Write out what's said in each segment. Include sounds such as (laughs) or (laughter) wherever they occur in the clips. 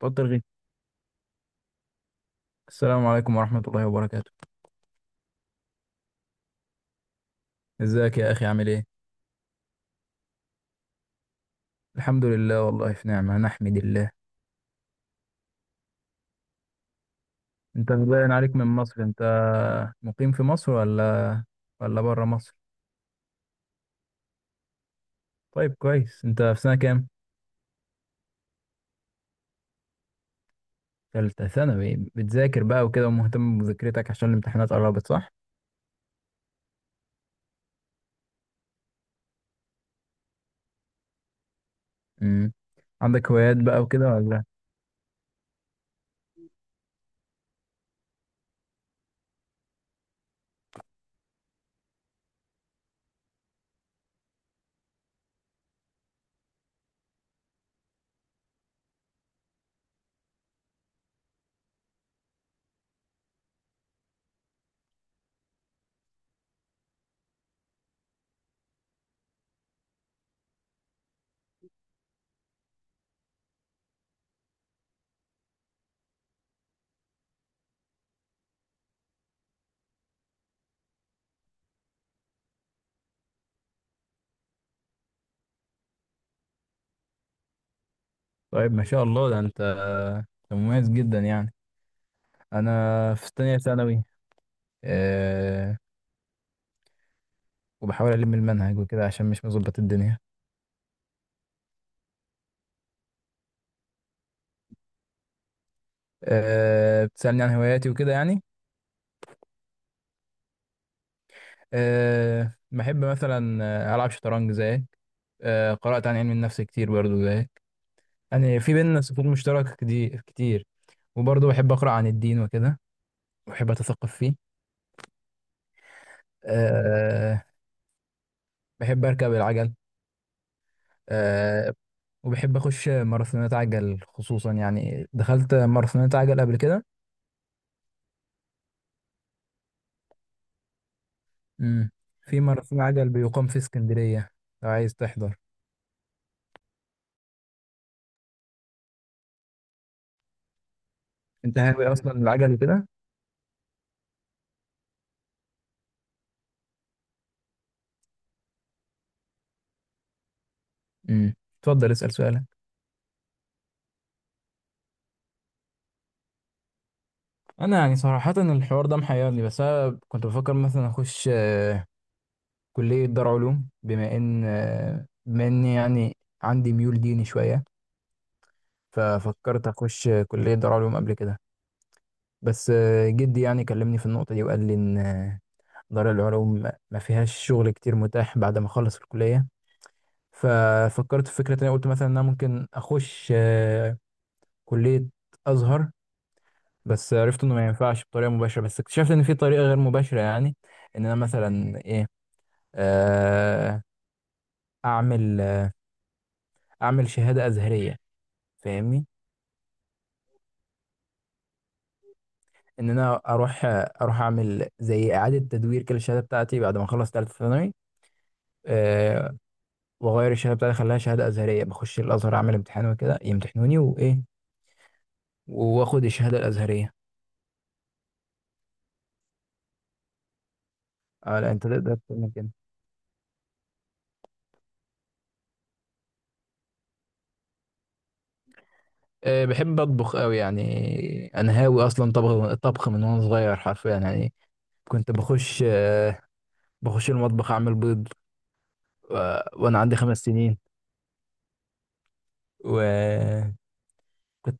بطل غي. السلام عليكم ورحمة الله وبركاته. ازيك يا أخي، عامل ايه؟ الحمد لله، والله في نعمة نحمد الله. انت باين عليك من مصر انت. مقيم في مصر ولا بره مصر؟ طيب كويس، انت في سنة كام؟ تالتة ثانوي، بتذاكر بقى وكده ومهتم بمذاكرتك عشان الامتحانات قربت، صح؟ امم عندك هوايات بقى وكده ولا؟ طيب ما شاء الله، ده انت مميز جدا يعني. انا في تانية ثانوي. أه... وبحاول ألم المنهج وكده عشان مش مظبط الدنيا. آه، بتسألني عن هواياتي وكده يعني. آه، بحب مثلا ألعب شطرنج زيك. قرأت عن علم النفس كتير برضو زيك. يعني في بيننا صفوف مشتركة كتير كتير. وبرضو بحب أقرأ عن الدين وكده، وبحب أتثقف فيه. آه، بحب أركب العجل. آه، وبحب أخش ماراثونات عجل، خصوصا يعني دخلت ماراثونات عجل قبل كده. مم. في ماراثون عجل بيقام في اسكندرية لو عايز تحضر. أنت هاوي أصلا العجل كده؟ مم. اتفضل اسأل سؤالك. انا يعني صراحة الحوار ده محيرني، بس انا كنت بفكر مثلا اخش كلية دار علوم، بما ان بما اني يعني عندي ميول ديني شوية. ففكرت اخش كلية دار علوم قبل كده. بس جدي يعني كلمني في النقطة دي وقال لي ان دار العلوم ما فيهاش شغل كتير متاح بعد ما اخلص الكلية. ففكرت في فكرة تانية، قلت مثلا ان انا ممكن اخش كلية ازهر. بس عرفت انه ما ينفعش بطريقه مباشره، بس اكتشفت ان في طريقه غير مباشره، يعني ان انا مثلا ايه، آه، اعمل اعمل شهاده ازهريه، فاهمني؟ ان انا اروح اعمل زي اعاده تدوير كده الشهاده بتاعتي بعد ما اخلص ثالثه ثانوي، آه، واغير الشهاده بتاعتي اخليها شهاده ازهريه، بخش الازهر اعمل امتحان وكده يمتحنوني وايه، واخد الشهاده الازهريه. اه لا، انت تقدر تعمل كده. بحب اطبخ قوي يعني. انا هاوي اصلا طبخ طبخ من وانا صغير حرفيا يعني. كنت بخش المطبخ اعمل بيض وانا عندي 5 سنين. وكنت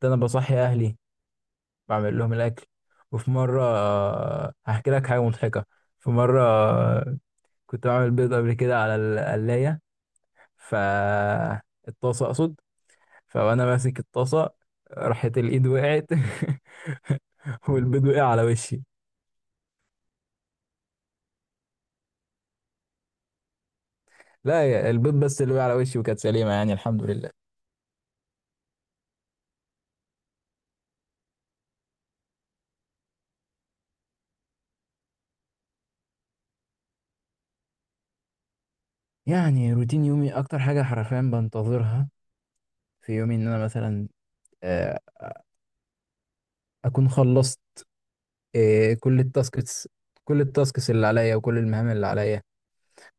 انا بصحي اهلي بعمل لهم الاكل. وفي مره، هحكي لك حاجه مضحكه. في مره، كنت بعمل بيض قبل كده على القلايه، ف الطاسه اقصد. فانا ماسك الطاسه، راحت الايد وقعت (laughs) والبيض وقع على وشي. لا يا- البيض بس اللي وقع على وشي، وكانت سليمه يعني، الحمد لله. يعني روتين يومي اكتر حاجه حرفيا بنتظرها في يومي ان انا مثلا آه، اكون خلصت كل التاسكس، كل التاسكس اللي عليا وكل المهام اللي عليا.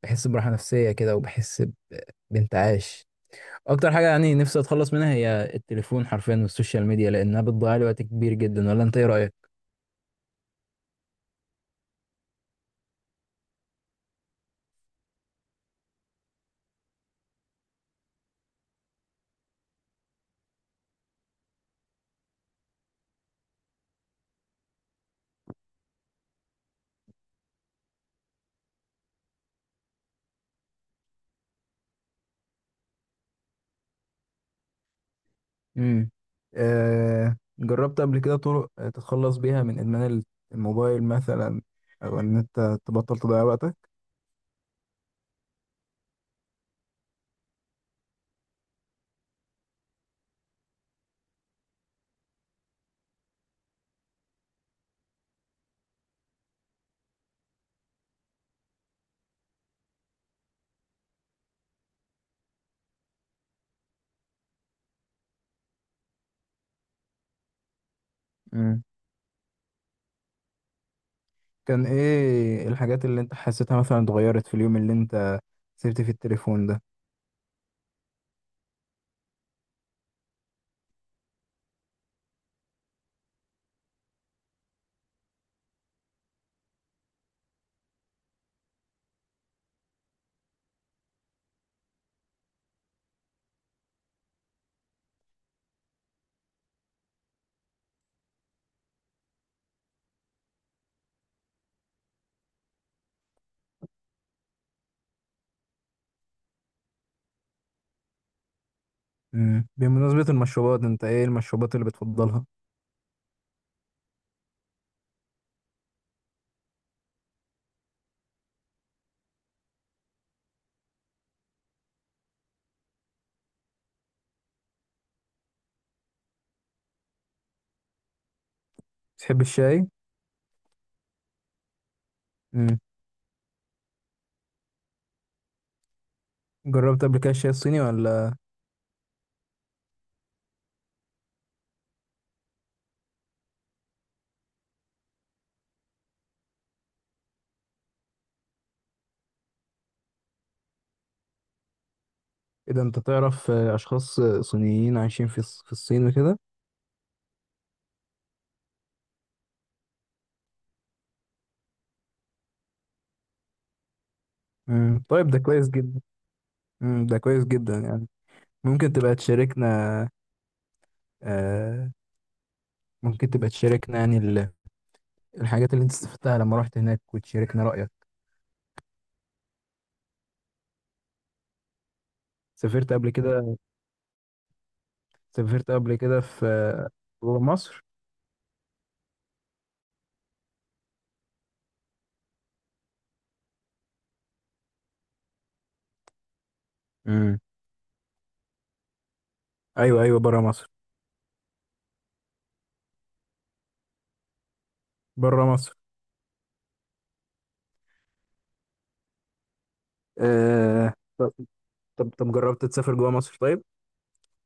بحس براحة نفسية كده، وبحس بانتعاش. اكتر حاجة يعني نفسي اتخلص منها هي التليفون حرفيا، والسوشيال ميديا، لانها بتضيع لي وقت كبير جدا. ولا انت ايه رأيك؟ امم، جربت قبل كده طرق تتخلص بيها من إدمان الموبايل مثلا، أو إن أنت تبطل تضيع وقتك؟ امم، كان إيه الحاجات اللي أنت حسيتها مثلا اتغيرت في اليوم اللي أنت سبت فيه التليفون ده؟ مم. بمناسبة المشروبات، انت ايه المشروبات اللي بتفضلها؟ بتحب الشاي؟ مم. جربت قبل كده الشاي الصيني ولا؟ ايه ده، انت تعرف اشخاص صينيين عايشين في الصين وكده؟ مم. طيب، ده كويس جدا. مم. ده كويس جدا يعني. ممكن تبقى تشاركنا آه يعني الحاجات اللي انت استفدتها لما رحت هناك، وتشاركنا رأيك. سافرت قبل كده؟ سافرت قبل كده في جوه مصر؟ مم. ايوه ايوه، بره مصر. بره مصر؟ آه، طب جربت تسافر جوه مصر؟ طيب،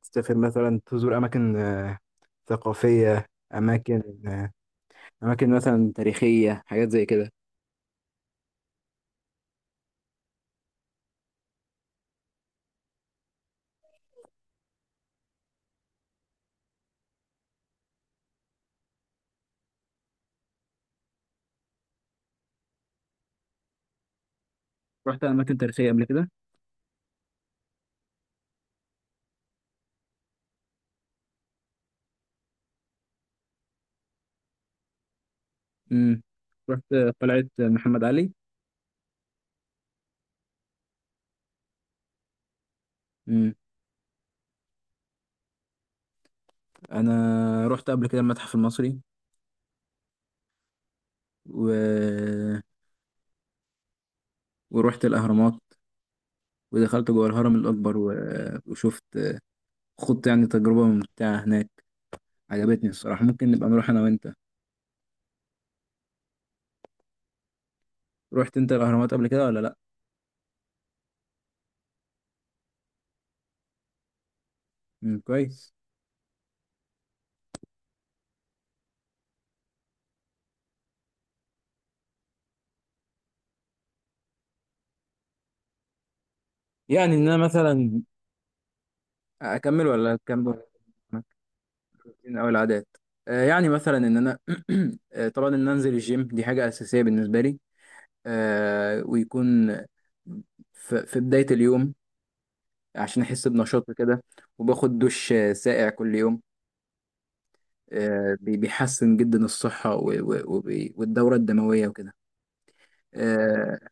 تسافر مثلا تزور اماكن ثقافيه، اماكن اماكن مثلا تاريخيه، حاجات زي كده؟ رحت اماكن تاريخيه قبل كده؟ امم. رحت قلعه محمد علي؟ امم. انا رحت قبل كده المتحف المصري، و... ورحت الاهرامات، ودخلت جوه الهرم الاكبر، وشفت، خضت يعني تجربه ممتعه هناك، عجبتني الصراحه. ممكن نبقى نروح انا وانت. رحت انت الاهرامات قبل كده ولا لا؟ امم، كويس. يعني ان انا مثلا اكمل ولا اكمل؟ مركزين قوي العادات. يعني مثلا ان انا (clears throat) طبعا ان انزل الجيم دي حاجه اساسيه بالنسبه لي. ويكون في بدايه اليوم، عشان احس بنشاط كده. وباخد دش ساقع كل يوم. بيحسن جدا الصحه والدوره الدمويه وكده. آه،